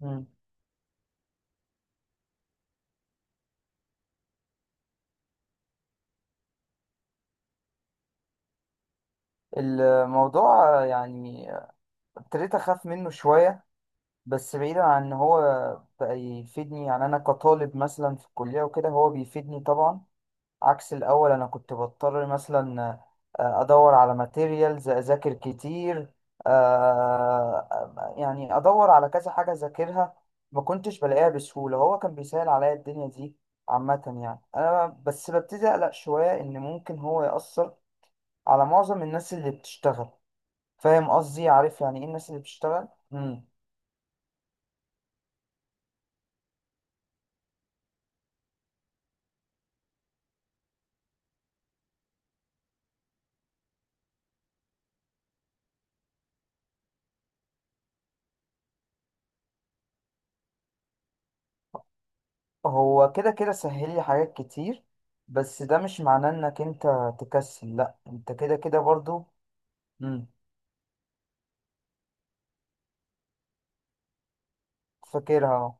مم. الموضوع يعني ابتديت اخاف منه شويه، بس بعيدا عن ان هو بقى يفيدني. يعني انا كطالب مثلا في الكليه وكده هو بيفيدني طبعا، عكس الاول. انا كنت بضطر مثلا ادور على ماتيريالز، اذاكر كتير. يعني ادور على كذا حاجه اذاكرها، ما كنتش بلاقيها بسهوله. هو كان بيسهل عليا الدنيا دي. عامه يعني انا بس ببتدي اقلق شويه ان ممكن هو ياثر على معظم الناس اللي بتشتغل. فاهم قصدي؟ عارف يعني ايه الناس اللي بتشتغل؟ هو كده كده سهل لي حاجات كتير، بس ده مش معناه انك انت تكسل. لا، انت كده كده برضو. امم. فاكرها أهو.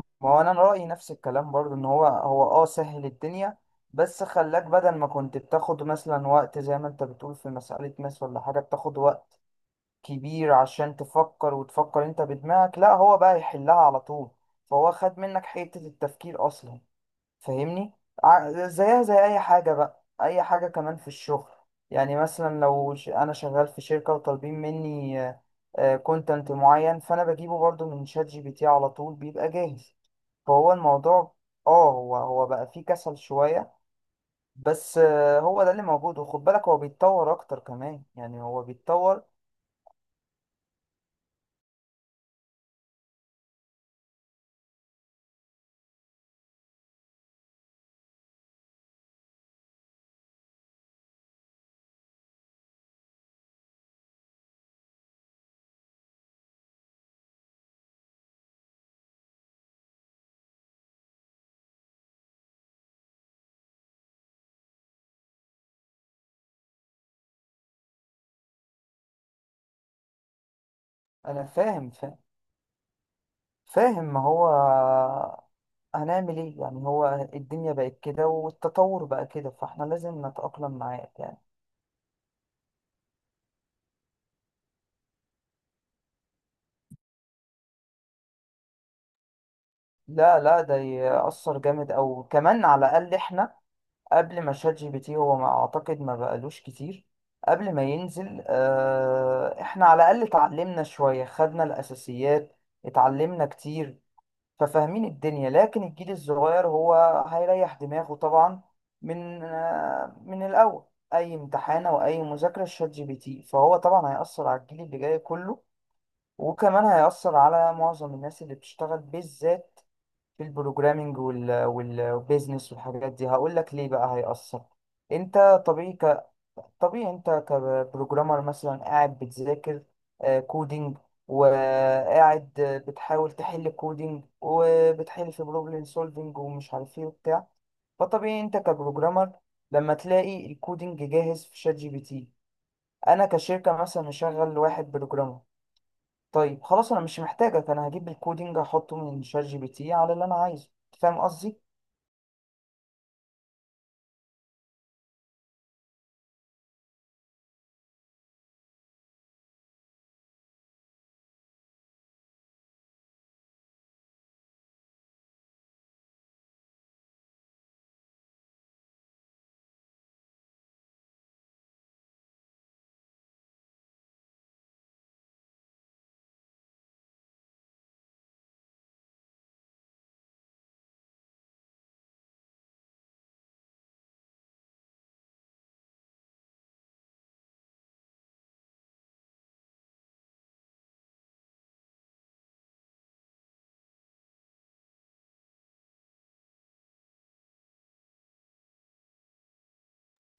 ما هو انا رأيي نفس الكلام برضو، ان هو سهل الدنيا، بس خلاك. بدل ما كنت بتاخد مثلا وقت، زي ما انت بتقول في مسألة ماس ولا حاجة، بتاخد وقت كبير عشان تفكر وتفكر انت بدماغك، لا، هو بقى يحلها على طول. فهو خد منك حتة التفكير اصلا. فاهمني؟ زيها زي اي حاجه بقى، اي حاجه كمان في الشغل. يعني مثلا لو انا شغال في شركه وطالبين مني كونتنت معين، فانا بجيبه برضو من شات جي بي تي. على طول بيبقى جاهز. فهو الموضوع هو بقى فيه كسل شويه. بس هو ده اللي موجود. وخد بالك هو بيتطور اكتر كمان. يعني هو بيتطور. انا فاهم، فاهم، فاهم. ما هو هنعمل ايه؟ يعني هو الدنيا بقت كده والتطور بقى كده، فاحنا لازم نتأقلم معاه يعني. لا، لا، ده يأثر جامد. او كمان، على الأقل احنا قبل ما شات جي بي تي، هو ما اعتقد ما بقالوش كتير قبل ما ينزل، احنا على الأقل اتعلمنا شوية، خدنا الأساسيات، اتعلمنا كتير، ففاهمين الدنيا. لكن الجيل الصغير هو هيريح دماغه طبعا من الأول. أي امتحان أو أي مذاكرة، شات جي بي تي. فهو طبعا هيأثر على الجيل اللي جاي كله، وكمان هيأثر على معظم الناس اللي بتشتغل، بالذات في البروجرامينج والبيزنس والحاجات دي. هقول لك ليه بقى هيأثر. انت طبيعي طبيعي، انت كبروجرامر مثلا قاعد بتذاكر كودينج، وقاعد بتحاول تحل كودينج، وبتحل في بروبلم سولفينج ومش عارف ايه وبتاع. فطبيعي انت كبروجرامر لما تلاقي الكودينج جاهز في شات جي بي تي. انا كشركة مثلا مشغل واحد بروجرامر، طيب خلاص انا مش محتاجك. انا هجيب الكودينج احطه من شات جي بي تي على اللي انا عايزه. فاهم قصدي؟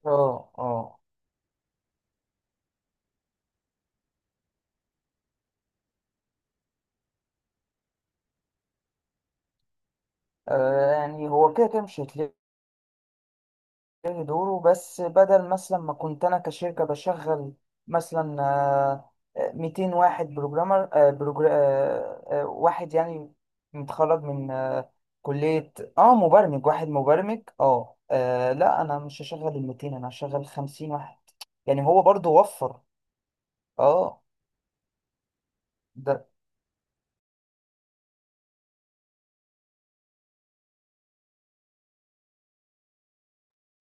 اه، اه. يعني هو كده كده مش هتلاقي إيه دوره. بس بدل مثلا ما كنت انا كشركه بشغل مثلا 200 واحد بروجرامر، آه، بروجر... آه، آه، واحد يعني متخرج من كليه، مبرمج واحد، مبرمج، لا انا مش هشغل ال 200، انا هشغل 50 واحد. يعني هو برضو وفر. اه، ده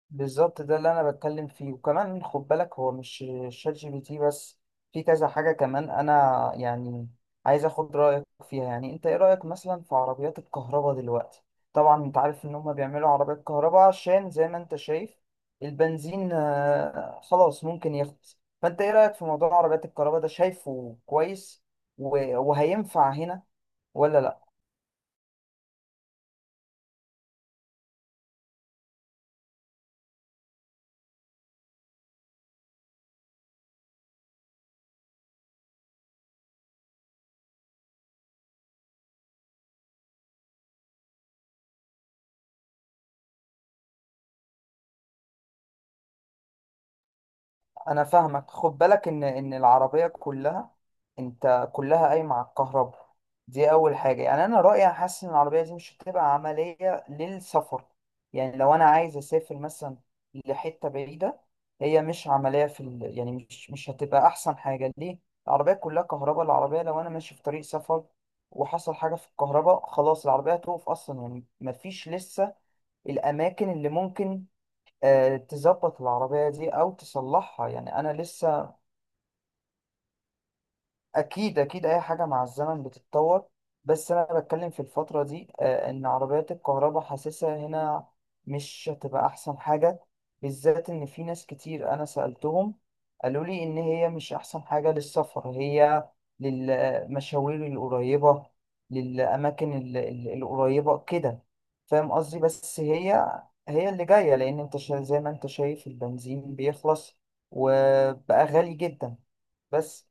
بالظبط، ده اللي انا بتكلم فيه. وكمان خد بالك هو مش شات جي بي تي بس، في كذا حاجة كمان انا يعني عايز اخد رأيك فيها. يعني انت ايه رأيك مثلا في عربيات الكهرباء دلوقتي؟ طبعا انت عارف ان هم بيعملوا عربيات كهرباء عشان، زي ما انت شايف، البنزين خلاص ممكن يخلص. فانت ايه رأيك في موضوع عربيات الكهرباء ده؟ شايفه كويس وهينفع هنا ولا لا؟ انا فاهمك. خد بالك ان العربيه كلها، انت، كلها قايمه على الكهرباء. دي اول حاجه. يعني انا رايي، أنا حاسس ان العربيه دي مش هتبقى عمليه للسفر. يعني لو انا عايز اسافر مثلا لحته بعيده، هي مش عمليه في يعني مش هتبقى احسن حاجه ليه. العربيه كلها كهرباء. العربيه لو انا ماشي في طريق سفر وحصل حاجه في الكهرباء، خلاص، العربيه هتقف اصلا. يعني مفيش لسه الاماكن اللي ممكن تظبط العربية دي أو تصلحها. يعني أنا لسه. اكيد، اكيد، اي حاجه مع الزمن بتتطور. بس انا بتكلم في الفتره دي، ان عربيات الكهرباء حاسسها هنا مش هتبقى احسن حاجه، بالذات ان في ناس كتير انا سالتهم قالوا لي ان هي مش احسن حاجه للسفر. هي للمشاوير القريبه، للاماكن القريبه كده. فاهم قصدي؟ بس هي اللي جايه، لان انت زي ما انت شايف البنزين بيخلص وبقى غالي جدا بس.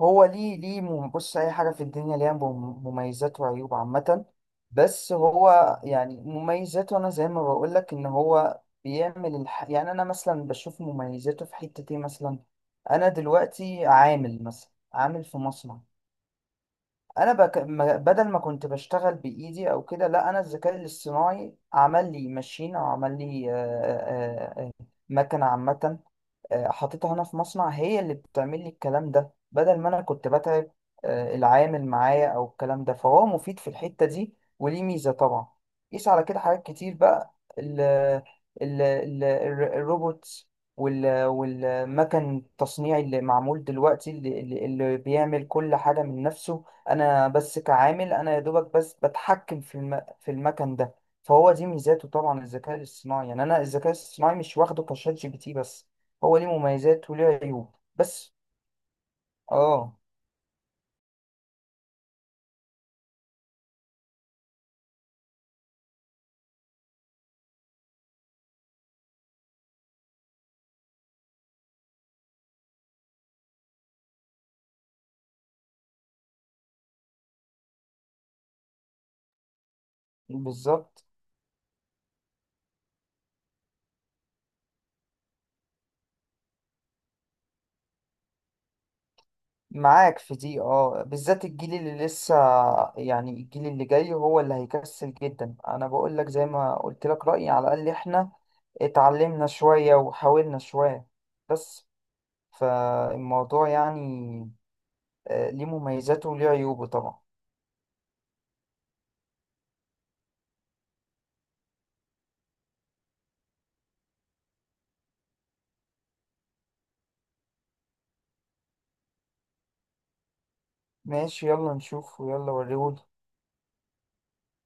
هو ليه بص، أي حاجة في الدنيا ليها مميزات وعيوب عامة. بس هو يعني مميزاته، أنا زي ما بقولك إن هو بيعمل يعني أنا مثلا بشوف مميزاته في حتة إيه. مثلا أنا دلوقتي عامل، مثلا عامل في مصنع. أنا بك... ما- بدل ما كنت بشتغل بإيدي أو كده، لا، أنا الذكاء الاصطناعي عمل لي ماشين أو عمل لي مكنة عامة حطيتها هنا في مصنع. هي اللي بتعمل لي الكلام ده بدل ما انا كنت بتعب العامل معايا او الكلام ده. فهو مفيد في الحتة دي وليه ميزة طبعا. قيس على كده حاجات كتير بقى، ال ال ال الروبوت والمكن التصنيعي اللي معمول دلوقتي، اللي بيعمل كل حاجة من نفسه. انا بس كعامل، انا يا دوبك بس بتحكم في المكن ده. فهو دي ميزاته طبعا. الذكاء الاصطناعي، يعني انا الذكاء الاصطناعي مش واخده كشات جي بي تي بس. هو ليه مميزات وليه عيوب بس. اه، بالظبط، معاك في دي. اه بالذات الجيل اللي لسه، يعني الجيل اللي جاي هو اللي هيكسل جدا. انا بقول لك، زي ما قلت لك رأيي، على الاقل احنا اتعلمنا شوية وحاولنا شوية بس. فالموضوع يعني ليه مميزاته وليه عيوبه طبعا. ماشي، يلا نشوف، ويلا وريهولي.